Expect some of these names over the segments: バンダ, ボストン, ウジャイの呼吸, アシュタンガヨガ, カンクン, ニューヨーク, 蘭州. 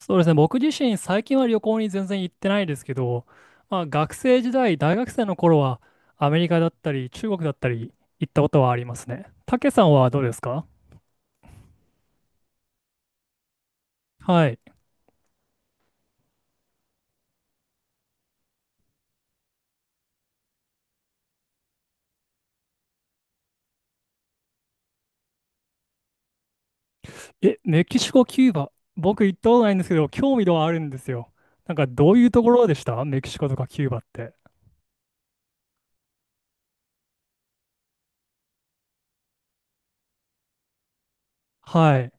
そうですね。僕自身、最近は旅行に全然行ってないですけど、まあ、学生時代、大学生の頃は、アメリカだったり、中国だったり、行ったことはありますね。たけさんはどうですか？はい。え、メキシコ、キューバ。僕行ったことないんですけど、興味度はあるんですよ。なんか、どういうところでしたメキシコとかキューバって？はい。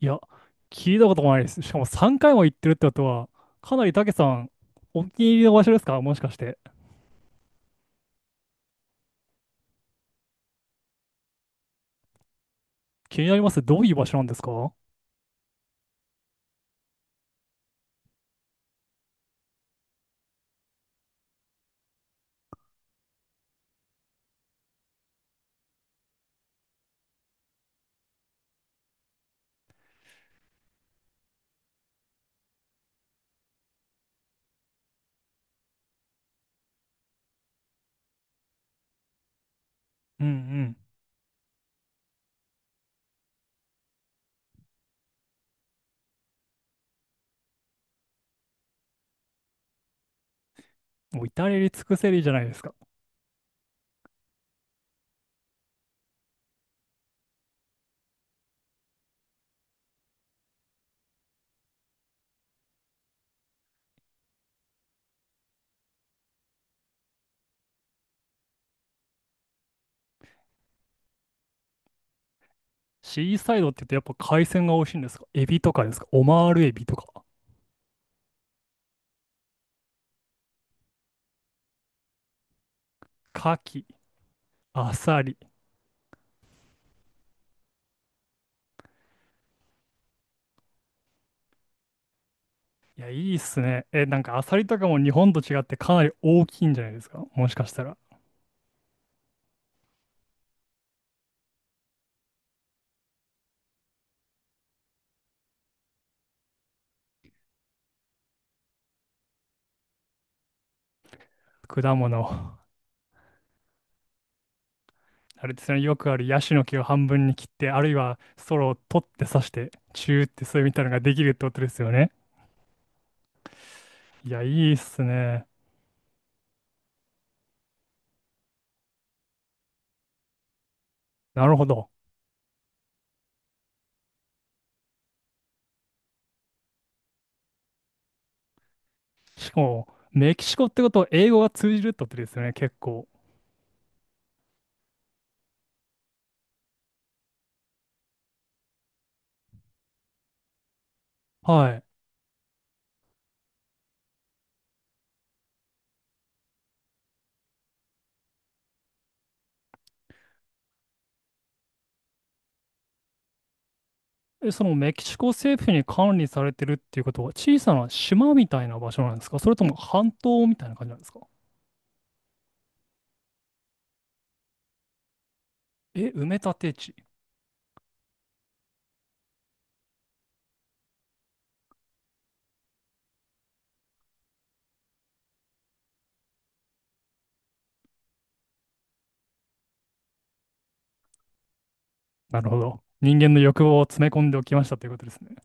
いや、聞いたこともないです。しかも3回も行ってるってことは、かなりたけさん、お気に入りの場所ですか、もしかして？気になります。どういう場所なんですか？うんうん。もう至れり尽くせりじゃないですか。シーサイドって言うとやっぱ海鮮が美味しいんですか？エビとかですか？オマールエビとか？カキ、アサリ。いや、いいっすね。え、なんかアサリとかも日本と違ってかなり大きいんじゃないですか、もしかしたら？果物。あれですね、よくあるヤシの木を半分に切って、あるいはソロを取って刺して、チューってそういうみたいなのができるってことですよね。いや、いいっすね。なるほど。しかも、メキシコってことは英語が通じるってことですよね、結構。はい。え、そのメキシコ政府に管理されてるっていうことは小さな島みたいな場所なんですか？それとも半島みたいな感じなんですか？え、埋め立て地。なるほど。人間の欲望を詰め込んでおきましたということですね。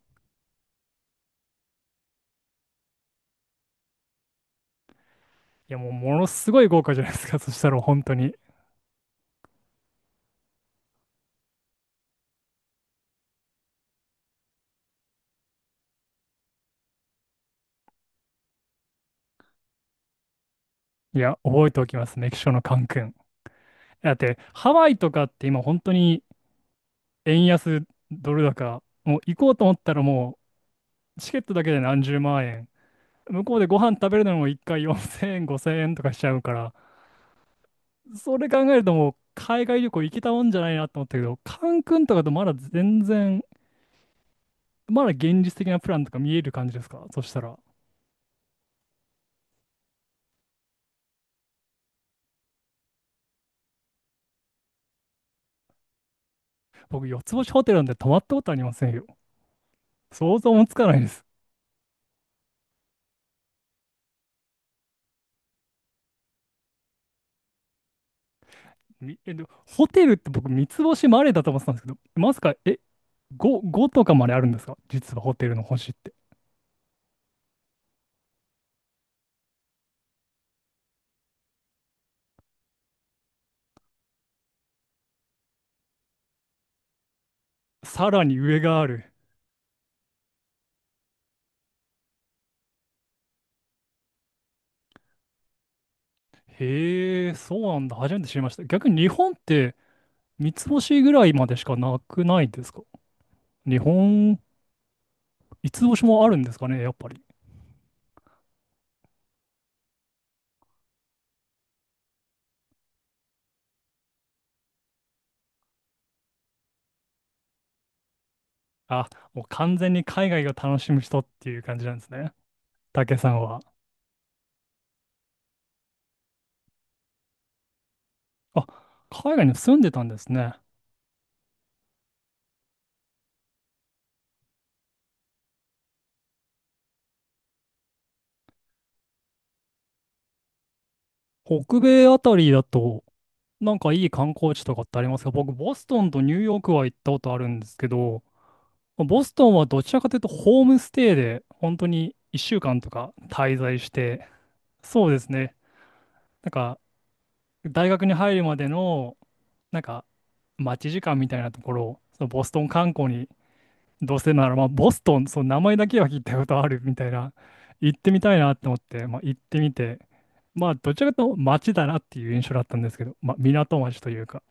いや、もうものすごい豪華じゃないですか。そしたら本当に。いや、覚えておきます。メキシコのカンクン。だって、ハワイとかって今本当に円安ドル高、もう行こうと思ったらもうチケットだけで何十万円。向こうでご飯食べるのも一回4000円、5000円とかしちゃうから、それ考えるともう海外旅行行けたもんじゃないなと思ったけど、カンクンとかとまだ全然、まだ現実的なプランとか見える感じですか、そしたら？僕、四つ星ホテルなんて泊まったことありませんよ。想像もつかないです。でホテルって僕、三つ星までだと思ってたんですけど、まさか、え、5、5とかまであるんですか？実はホテルの星って。さらに上がある。へえ、そうなんだ。初めて知りました。逆に日本って三つ星ぐらいまでしかなくないですか？日本、五つ星もあるんですかね、やっぱり。あ、もう完全に海外を楽しむ人っていう感じなんですね。竹さんは。あ、海外に住んでたんですね。北米あたりだと、なんかいい観光地とかってありますか？僕、ボストンとニューヨークは行ったことあるんですけど、ボストンはどちらかというとホームステイで本当に1週間とか滞在して、そうですね。なんか大学に入るまでのなんか待ち時間みたいなところをそのボストン観光にどうせなら、まあ、ボストン、その名前だけは聞いたことあるみたいな、行ってみたいなって思って、まあ、行ってみて、まあどちらかというと街だなっていう印象だったんですけど、まあ、港町というか。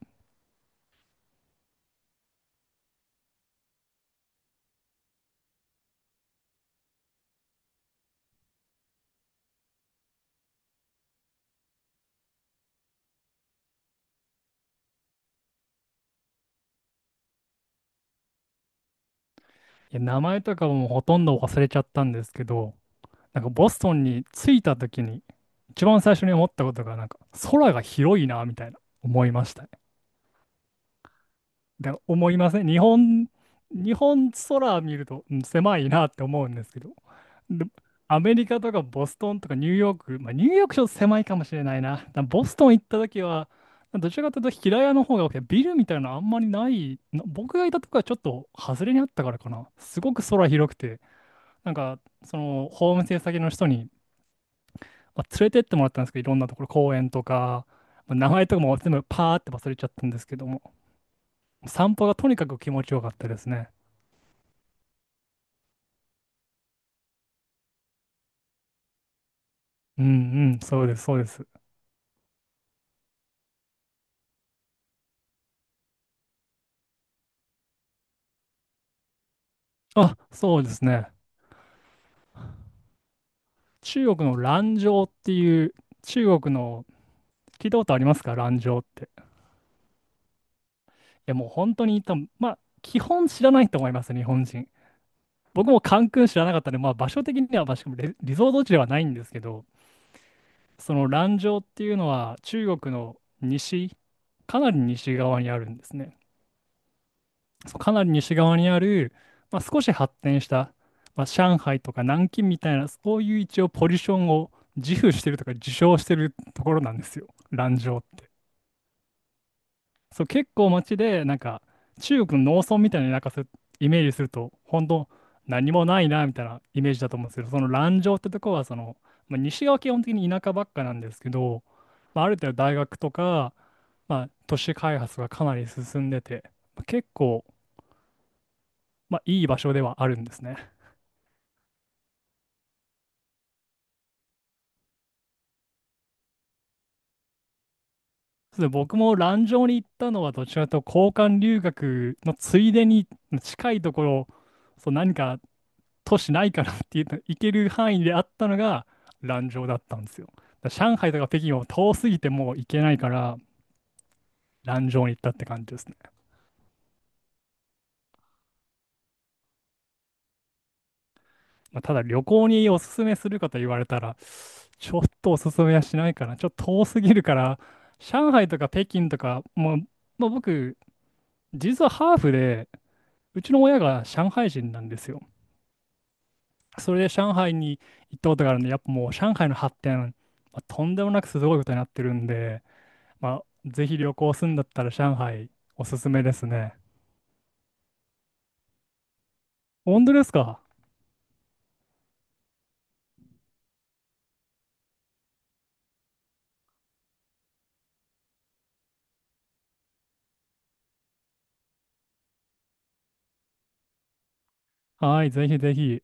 いや名前とかもほとんど忘れちゃったんですけど、なんかボストンに着いた時に一番最初に思ったことがなんか空が広いなみたいな思いましたね。で、思いません。日本、日本空見ると、うん、狭いなって思うんですけど、でアメリカとかボストンとかニューヨーク、まあ、ニューヨークちょっと狭いかもしれないな。だからボストン行った時は、どちらかというと平屋の方が多くて、ビルみたいなのあんまりない、な僕がいたとこはちょっと外れにあったからかな。すごく空広くて、なんかそのホームステイ先の人に、まあ、連れてってもらったんですけど、いろんなところ、公園とか、まあ名前とかも全部パーって忘れちゃったんですけども、散歩がとにかく気持ちよかったですね。うんうん、そうです、そうです。あ、そうですね。中国の蘭州っていう、中国の、聞いたことありますか？蘭州って。いや、もう本当に多分、まあ、基本知らないと思います、日本人。僕もカンクン知らなかったので、まあ、場所的には、まあしかもリゾート地ではないんですけど、その蘭州っていうのは中国の西、かなり西側にあるんですね。そうかなり西側にある、まあ、少し発展した、まあ、上海とか南京みたいな、そういう一応ポジションを自負してるとか自称してるところなんですよ、蘭州って。そう、結構街で、なんか、中国の農村みたいな、なんかそうイメージすると、本当何もないな、みたいなイメージだと思うんですけど、その蘭州ってとこは、その、まあ、西側は基本的に田舎ばっかなんですけど、まあ、ある程度大学とか、まあ、都市開発がかなり進んでて、まあ、結構、まあ、いい場所ではあるんですね。そうですね僕も蘭城に行ったのはどちらかというと交換留学のついでに近いところ、そう何か都市ないかなっていうの行ける範囲であったのが蘭城だったんですよ。だから上海とか北京は遠すぎてもう行けないから蘭城に行ったって感じですね。まあ、ただ旅行におすすめするかと言われたらちょっとおすすめはしないかな。ちょっと遠すぎるから上海とか北京とかもう、まあ、僕実はハーフでうちの親が上海人なんですよ。それで上海に行ったことがあるんで、やっぱもう上海の発展、まあ、とんでもなくすごいことになってるんで、まあ、ぜひ旅行するんだったら上海おすすめですね。本当ですか？はい、ぜひぜひ。